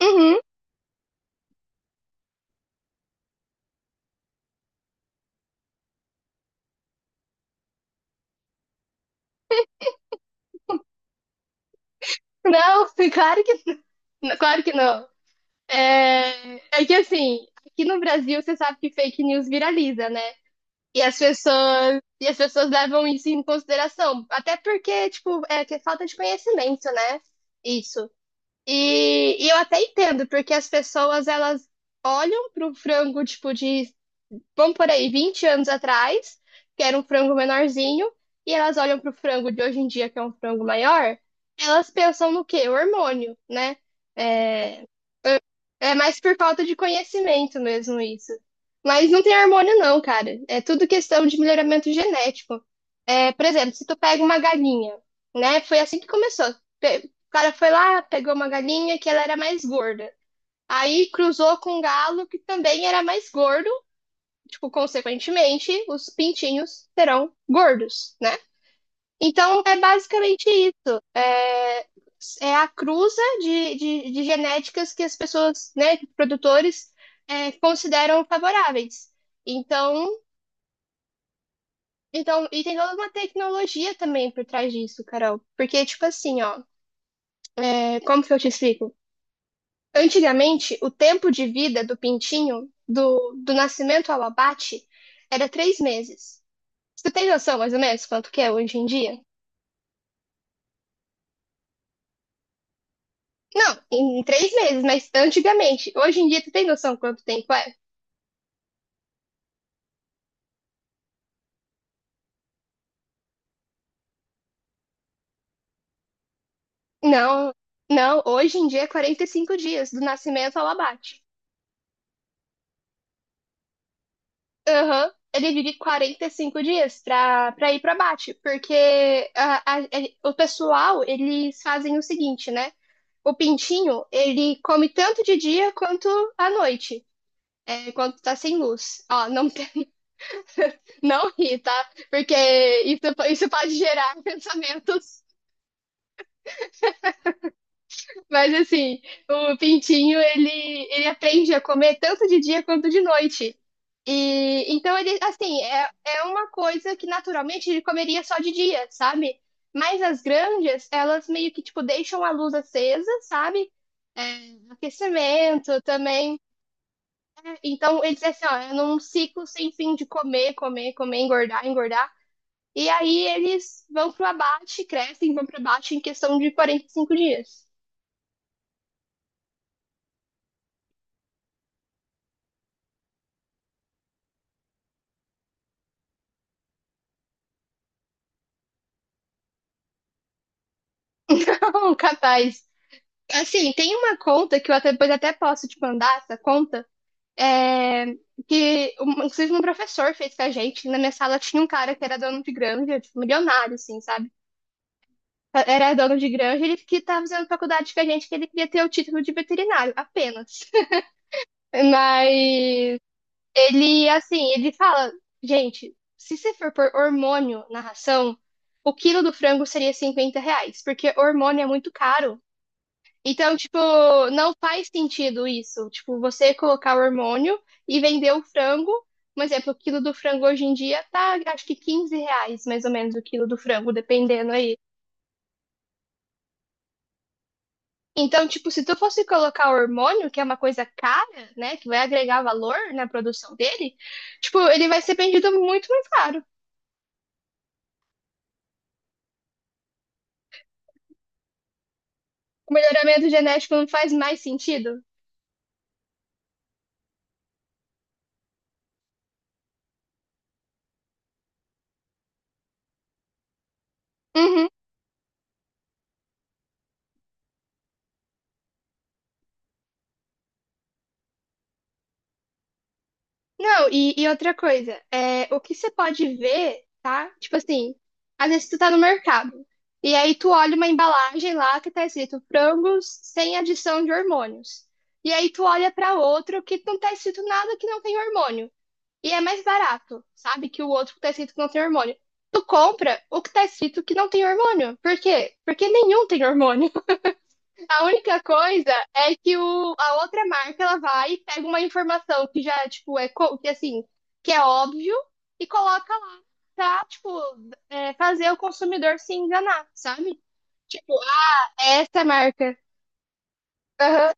Uhum. Não, claro que não. Claro que não. É que assim, aqui no Brasil você sabe que fake news viraliza, né? E as pessoas levam isso em consideração. Até porque, tipo, é que é falta de conhecimento, né? Isso. E eu até entendo, porque as pessoas, elas olham pro frango, tipo, de vamos por aí, 20 anos atrás, que era um frango menorzinho, e elas olham pro frango de hoje em dia, que é um frango maior, elas pensam no quê? O hormônio, né? É, é mais por falta de conhecimento mesmo isso. Mas não tem hormônio não, cara. É tudo questão de melhoramento genético. É, por exemplo, se tu pega uma galinha, né? Foi assim que começou. O cara foi lá, pegou uma galinha que ela era mais gorda. Aí cruzou com um galo que também era mais gordo, tipo, consequentemente, os pintinhos serão gordos, né? Então, é basicamente isso. É a cruza de genéticas que as pessoas, né, produtores, consideram favoráveis. Então, então, e tem toda uma tecnologia também por trás disso, Carol. Porque, tipo assim, ó, como que eu te explico? Antigamente, o tempo de vida do pintinho, do nascimento ao abate, era 3 meses. Você tem noção mais ou menos quanto que é hoje em dia? Não, em 3 meses, mas antigamente. Hoje em dia, tu tem noção quanto tempo é? Não, não, hoje em dia é 45 dias, do nascimento ao abate. Aham, ele divide 45 dias pra, pra ir pro abate, porque o pessoal, eles fazem o seguinte, né? O pintinho, ele come tanto de dia quanto à noite, quando tá sem luz. Ó, Não ri, tá? Porque isso, isso pode gerar pensamentos. Mas assim, o pintinho, ele aprende a comer tanto de dia quanto de noite. E então ele, assim, é uma coisa que naturalmente ele comeria só de dia, sabe? Mas as granjas, elas meio que, tipo, deixam a luz acesa, sabe? É, aquecimento também. Então, ele diz assim, ó, num ciclo sem fim de comer, comer, comer, engordar, engordar. E aí eles vão pro abate, crescem, vão pro abate em questão de 45 dias. Um capaz. Assim, tem uma conta que eu depois até posso te mandar essa conta, é, que inclusive um professor fez com a gente. Na minha sala tinha um cara que era dono de granja, tipo, milionário, assim, sabe? Era dono de granja, ele que tava fazendo faculdade com a gente, que ele queria ter o título de veterinário, apenas. Mas ele, assim, ele fala, gente, se você for por hormônio na ração, o quilo do frango seria R$ 50, porque hormônio é muito caro. Então, tipo, não faz sentido isso. Tipo, você colocar o hormônio e vender o frango. Por exemplo, o quilo do frango hoje em dia tá, acho que R$ 15, mais ou menos, o quilo do frango, dependendo aí. Então, tipo, se tu fosse colocar o hormônio, que é uma coisa cara, né, que vai agregar valor na produção dele, tipo, ele vai ser vendido muito mais caro. O melhoramento genético não faz mais sentido? Uhum. Não, e outra coisa, o que você pode ver, tá? Tipo assim, às vezes tu tá no mercado, e aí tu olha uma embalagem lá que tá escrito frangos sem adição de hormônios. E aí tu olha pra outro que não tá escrito nada que não tem hormônio. E é mais barato, sabe? Que o outro que tá escrito que não tem hormônio. Tu compra o que tá escrito que não tem hormônio. Por quê? Porque nenhum tem hormônio. A única coisa é que a outra marca ela vai e pega uma informação que já, tipo, que assim, que é óbvio e coloca lá pra, tipo, fazer o consumidor se enganar, sabe? Tipo, ah, é essa marca. Aham.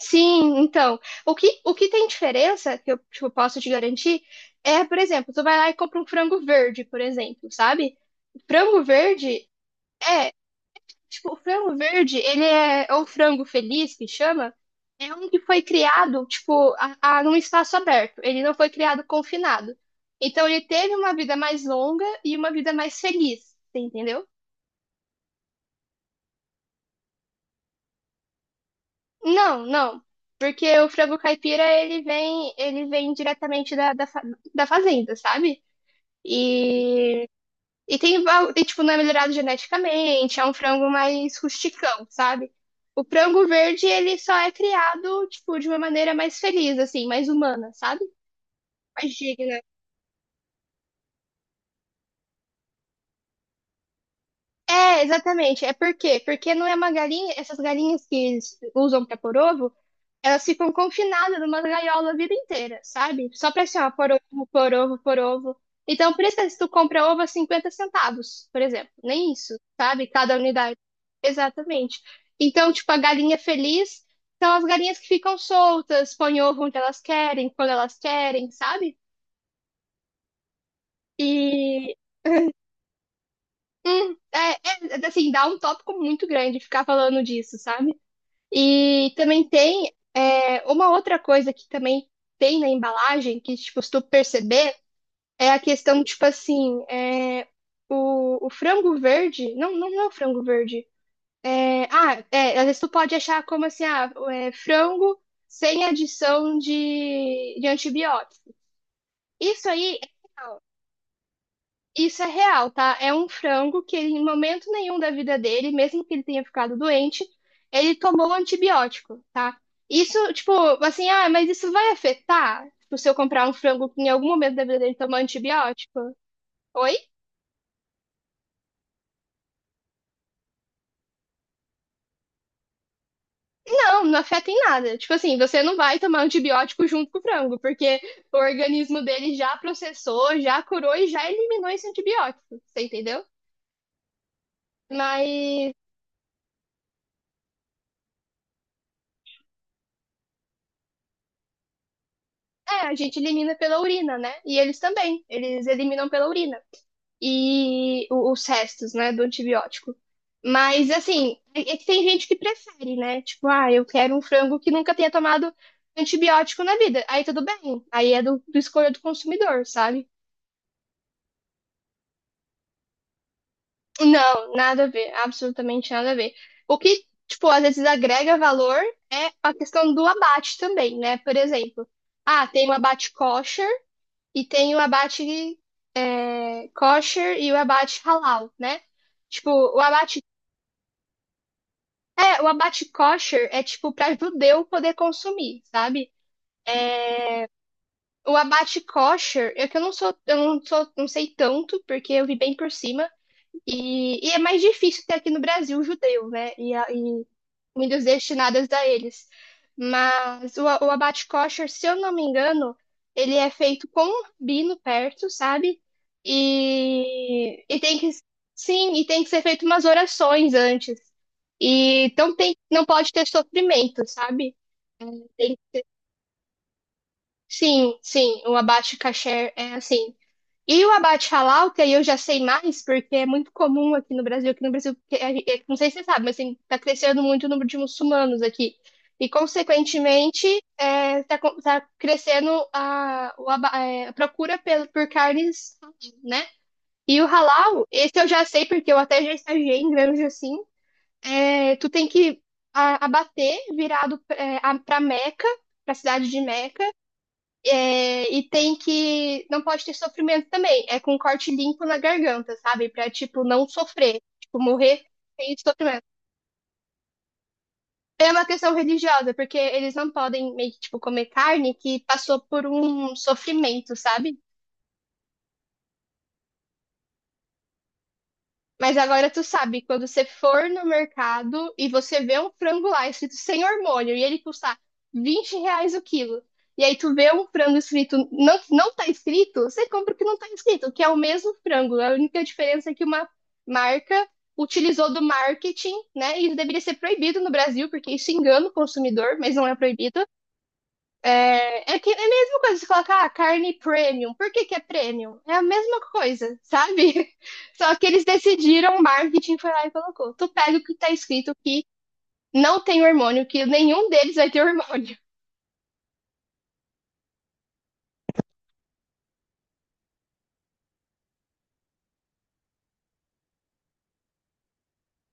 Sim, então, o que tem diferença que eu, tipo, posso te garantir é, por exemplo, tu vai lá e compra um frango verde, por exemplo, sabe? Frango verde é Tipo, o frango verde, ele é ou frango feliz que chama, é um que foi criado, tipo, num espaço aberto. Ele não foi criado confinado. Então ele teve uma vida mais longa e uma vida mais feliz, você entendeu? Não, não. Porque o frango caipira, ele vem diretamente da fazenda, sabe? E E tem, tipo, não é melhorado geneticamente, é um frango mais rusticão, sabe? O frango verde, ele só é criado, tipo, de uma maneira mais feliz, assim, mais humana, sabe? Mais digna. É, exatamente. É por quê? Porque não é uma galinha, essas galinhas que eles usam para pôr ovo, elas ficam confinadas numa gaiola a vida inteira, sabe? Só pra assim, ó, por ovo, por ovo, por ovo. Então, por isso que se tu compra ovo a 50 centavos, por exemplo. Nem isso, sabe? Cada unidade. Exatamente. Então, tipo, a galinha feliz são as galinhas que ficam soltas, põem ovo onde elas querem, quando elas querem, sabe? E, hum, é, assim, dá um tópico muito grande ficar falando disso, sabe? E também tem uma outra coisa que também tem na embalagem, que tipo, se tu perceber, é a questão, tipo assim, o frango verde. Não, não, não é o frango verde. Ah, às vezes tu pode achar como assim, ah, frango sem adição de antibiótico. Isso aí. Isso é real, tá? É um frango que ele, em momento nenhum da vida dele, mesmo que ele tenha ficado doente, ele tomou antibiótico, tá? Isso, tipo, assim, ah, mas isso vai afetar? Tipo, se eu comprar um frango que em algum momento da vida dele tomou antibiótico? Oi? Não, não afeta em nada. Tipo assim, você não vai tomar antibiótico junto com o frango, porque o organismo dele já processou, já curou e já eliminou esse antibiótico, você entendeu? Mas, a gente elimina pela urina, né? E eles também, eles eliminam pela urina. E os restos, né, do antibiótico. Mas, assim, é que tem gente que prefere, né? Tipo, ah, eu quero um frango que nunca tenha tomado antibiótico na vida. Aí tudo bem. Aí é do escolha do consumidor, sabe? Não, nada a ver. Absolutamente nada a ver. O que, tipo, às vezes agrega valor é a questão do abate também, né? Por exemplo, ah, tem o abate kosher e tem o abate kosher e o abate halal, né? Tipo, o abate kosher é tipo para judeu poder consumir, sabe? O abate kosher, é que eu não sou, não sei tanto, porque eu vi bem por cima, e é mais difícil ter aqui no Brasil judeu, né? E comidas destinadas a eles. Mas o abate kosher, se eu não me engano, ele é feito com um rabino perto, sabe? E sim, e tem que ser feito umas orações antes. E então não pode ter sofrimento, sabe? Tem- sim, sim, o abate kasher é assim. E o abate halal, que aí eu já sei mais, porque é muito comum aqui no Brasil, que não sei se você sabe, mas assim, tá crescendo muito o número de muçulmanos aqui. E, consequentemente, tá crescendo a, o aba- é, a procura por carnes, né? E o halal, esse eu já sei, porque eu até já estagiei em granja assim, tu tem que abater virado pra Meca, pra cidade de Meca, é, e tem que. Não pode ter sofrimento também. É com corte limpo na garganta, sabe? Pra, tipo, não sofrer. Tipo, morrer sem sofrimento. É uma questão religiosa, porque eles não podem meio que, tipo, comer carne que passou por um sofrimento, sabe? Mas agora tu sabe, quando você for no mercado e você vê um frango lá escrito sem hormônio e ele custar R$ 20 o quilo, e aí tu vê um frango escrito, não, não tá escrito, você compra o que não tá escrito, que é o mesmo frango. A única diferença é que uma marca utilizou do marketing, né? E isso deveria ser proibido no Brasil, porque isso engana o consumidor, mas não é proibido. É que é a mesma coisa, de colocar ah, carne premium. Por que que é premium? É a mesma coisa, sabe? Só que eles decidiram, o marketing foi lá e colocou. Tu pega o que tá escrito que não tem hormônio, que nenhum deles vai ter hormônio.